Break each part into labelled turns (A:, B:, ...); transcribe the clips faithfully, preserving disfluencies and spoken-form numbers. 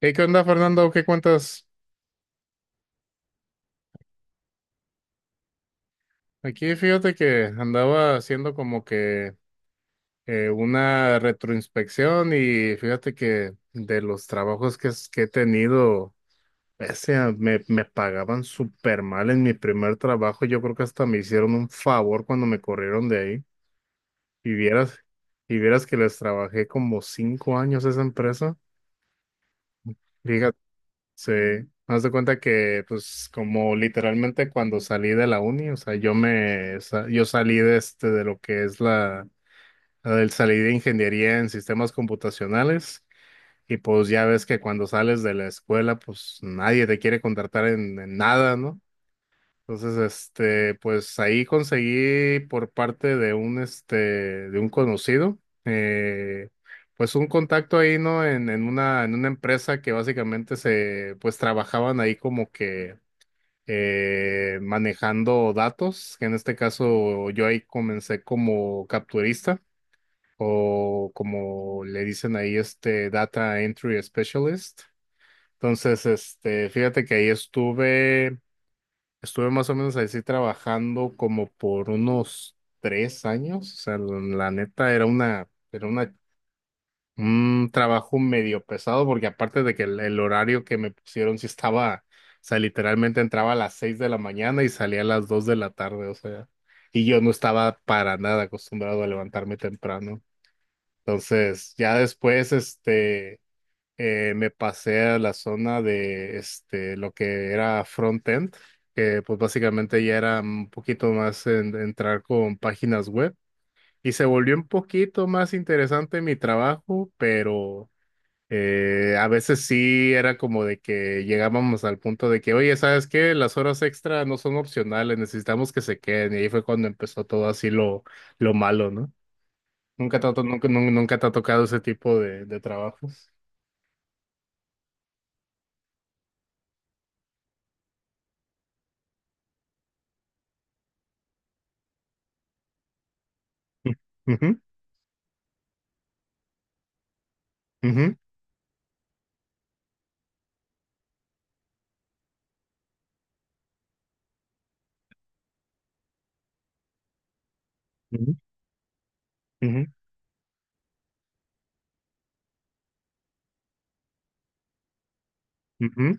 A: Hey, ¿qué onda, Fernando? ¿Qué cuentas? Aquí fíjate que andaba haciendo como que eh, una retroinspección y fíjate que de los trabajos que, es- que he tenido, ese, ah, me, me pagaban súper mal en mi primer trabajo. Yo creo que hasta me hicieron un favor cuando me corrieron de ahí. Y vieras, y vieras que les trabajé como cinco años a esa empresa. Sí, haz de cuenta que, pues, como literalmente cuando salí de la uni, o sea, yo me, sa- yo salí de este, de lo que es la, la del salí de ingeniería en sistemas computacionales, y pues ya ves que cuando sales de la escuela, pues nadie te quiere contratar en, en nada, ¿no? Entonces, este, pues ahí conseguí por parte de un, este, de un conocido, eh, pues un contacto ahí, ¿no? En, en una, en una empresa que básicamente se, pues trabajaban ahí como que eh, manejando datos, que en este caso yo ahí comencé como capturista o como le dicen ahí, este, Data Entry Specialist. Entonces, este, fíjate que ahí estuve. Estuve más o menos así trabajando como por unos tres años. O sea, la la neta era una, era una, un trabajo medio pesado porque aparte de que el, el horario que me pusieron sí estaba, o sea, literalmente entraba a las seis de la mañana y salía a las dos de la tarde, o sea, y yo no estaba para nada acostumbrado a levantarme temprano. Entonces, ya después, este eh, me pasé a la zona de este, lo que era front-end, que pues básicamente ya era un poquito más en- entrar con páginas web y se volvió un poquito más interesante mi trabajo, pero eh, a veces sí era como de que llegábamos al punto de que, oye, ¿sabes qué? Las horas extra no son opcionales, necesitamos que se queden y ahí fue cuando empezó todo así lo, lo malo, ¿no? Nunca te, ha to- nunca, nunca te ha tocado ese tipo de, de trabajos. Ujú, ujú. Ujú, ujú, ujú,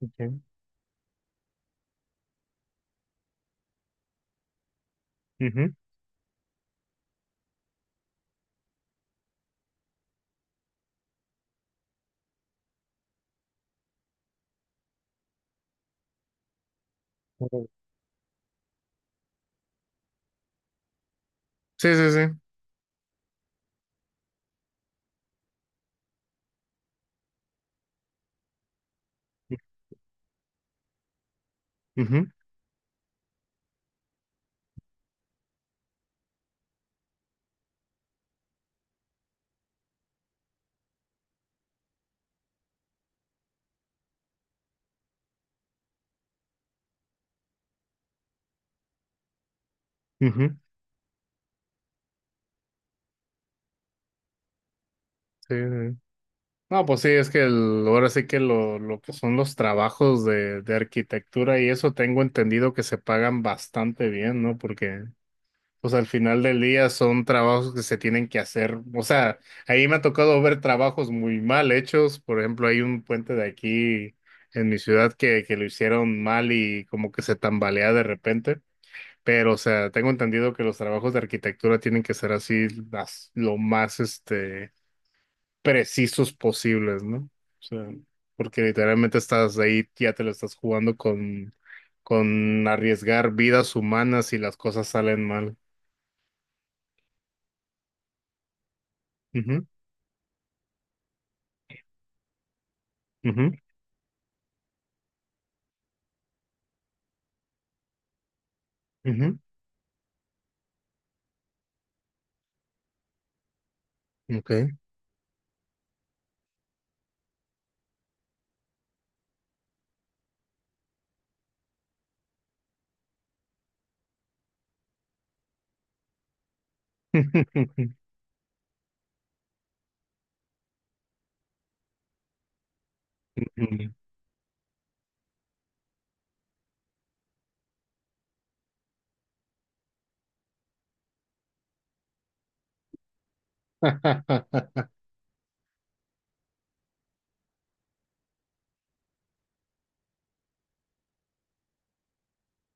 A: ok, ujú, ujú. Sí, sí, sí. Ujú, ujú, sí, sí, sí. No, pues sí, es que el- ahora sí que lo, lo que son los trabajos de, de arquitectura y eso tengo entendido que se pagan bastante bien, ¿no? Porque, pues al final del día son trabajos que se tienen que hacer. O sea, ahí me ha tocado ver trabajos muy mal hechos. Por ejemplo, hay un puente de aquí en mi ciudad que, que lo hicieron mal y como que se tambalea de repente. Pero, o sea, tengo entendido que los trabajos de arquitectura tienen que ser así las, lo más este, precisos posibles, ¿no? O sea, porque literalmente estás ahí, ya te lo estás jugando con, con arriesgar vidas humanas y las cosas salen mal. Ujú, ujú, ujú, ok. Ujú,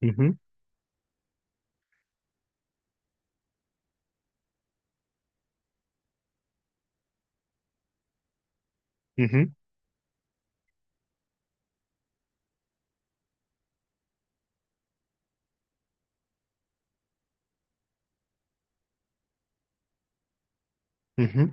A: ujú, ujú, ujú.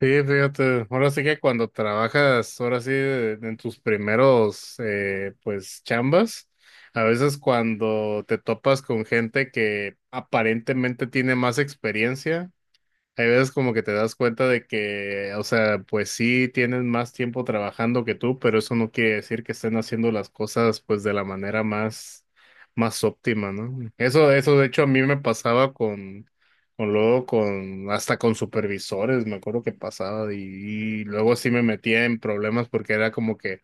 A: Sí, fíjate, ahora sí que cuando trabajas, ahora sí, de- en tus primeros, eh, pues, chambas, a veces cuando te topas con gente que aparentemente tiene más experiencia, hay veces como que te das cuenta de que, o sea, pues sí tienen más tiempo trabajando que tú, pero eso no quiere decir que estén haciendo las cosas pues de la manera más, más óptima, ¿no? Eso, eso de hecho a mí me pasaba con, con luego con, hasta con supervisores, me acuerdo que pasaba y, y luego sí me metía en problemas porque era como que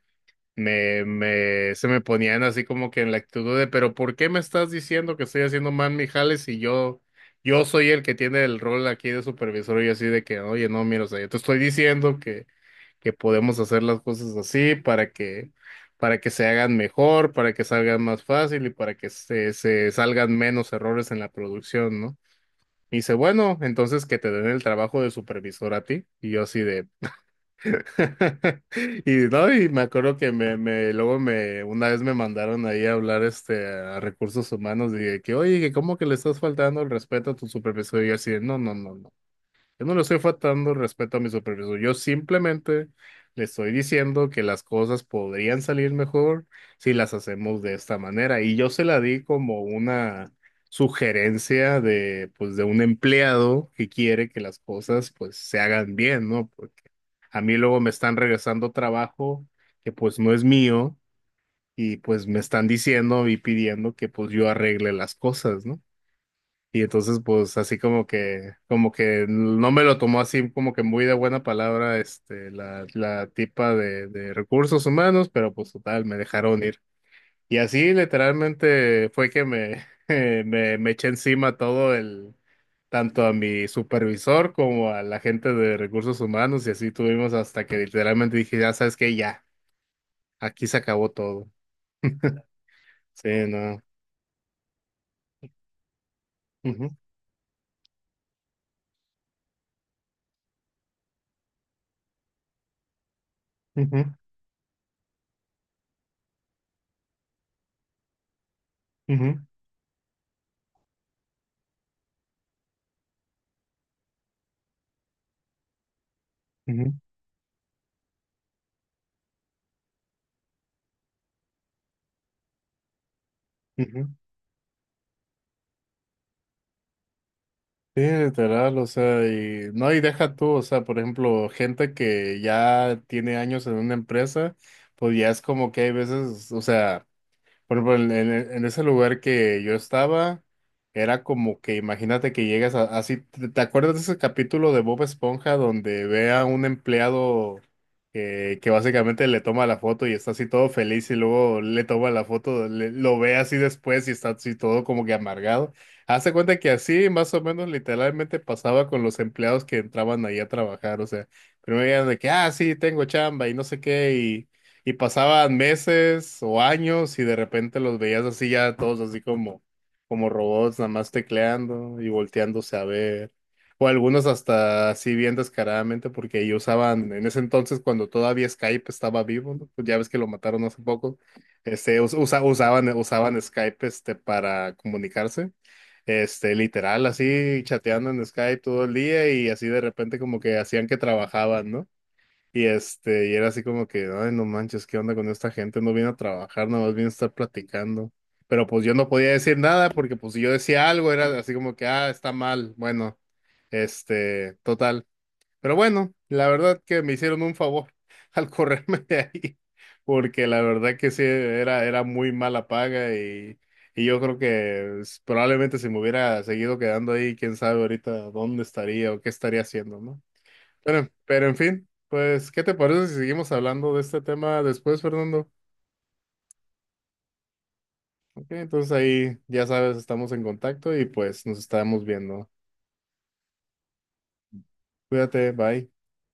A: me, me, se me ponían así como que en la actitud de, pero ¿por qué me estás diciendo que estoy haciendo mal mi jale si yo, yo soy el que tiene el rol aquí de supervisor y yo así de que, oye, no, mira, o sea, yo te estoy diciendo que, que podemos hacer las cosas así para que, para que se hagan mejor, para que salgan más fácil y para que se, se salgan menos errores en la producción, ¿no? Y dice, bueno, entonces que te den el trabajo de supervisor a ti. Y yo así de, Y no, y me acuerdo que me, me, luego me, una vez me mandaron ahí a hablar este a recursos humanos, dije que, oye, que cómo que le estás faltando el respeto a tu supervisor, y yo así, de, no, no, no, no. Yo no le estoy faltando respeto a mi supervisor. Yo simplemente le estoy diciendo que las cosas podrían salir mejor si las hacemos de esta manera. Y yo se la di como una sugerencia de, pues, de un empleado que quiere que las cosas, pues, se hagan bien, ¿no? Porque a mí luego me están regresando trabajo que, pues, no es mío y, pues, me están diciendo y pidiendo que, pues, yo arregle las cosas, ¿no? Y entonces, pues, así como que, como que no me lo tomó así como que muy de buena palabra, este, la, la tipa de, de recursos humanos, pero pues total, me dejaron ir. Y así literalmente fue que me, me, me eché encima todo el, tanto a mi supervisor como a la gente de recursos humanos, y así tuvimos hasta que literalmente dije, ya sabes que ya, aquí se acabó todo. Sí, no. Ujú, ujú, ujú, ujú, ujú. Sí, literal, o sea, y no, y deja tú, o sea, por ejemplo, gente que ya tiene años en una empresa, pues ya es como que hay veces, o sea, por ejemplo, en, en- en ese lugar que yo estaba, era como que imagínate que llegas a- así. ¿Te, te acuerdas de ese capítulo de Bob Esponja donde ve a un empleado que, que básicamente le toma la foto y está así todo feliz y luego le toma la foto, le- lo ve así después y está así todo como que amargado? Hazte cuenta que así más o menos literalmente pasaba con los empleados que entraban ahí a trabajar. O sea, primero eran de que, ah, sí, tengo chamba y no sé qué y pasaban meses o años y de repente los veías así ya todos así como, como robots, nada más tecleando y volteándose a ver. O algunos hasta así bien descaradamente porque ellos usaban, en ese entonces cuando todavía Skype estaba vivo, ¿no? Pues ya ves que lo mataron hace poco, este, us- usa- usaban usaban Skype este, para comunicarse este, literal, así chateando en Skype todo el día y así de repente como que hacían que trabajaban, ¿no? Y este, y era así como que, ay, no manches, ¿qué onda con esta gente? No viene a trabajar, nada más viene a estar platicando. Pero pues yo no podía decir nada porque pues si yo decía algo era así como que, ah, está mal. Bueno, este, total. Pero bueno, la verdad que me hicieron un favor al correrme de ahí porque la verdad que sí, era, era muy mala paga y, y yo creo que s- probablemente si me hubiera seguido quedando ahí, quién sabe ahorita dónde estaría o qué estaría haciendo, ¿no? Pero, pero en fin, pues, ¿qué te parece si seguimos hablando de este tema después, Fernando? Ok, entonces ahí ya sabes, estamos en contacto y pues nos estamos viendo. Cuídate, bye.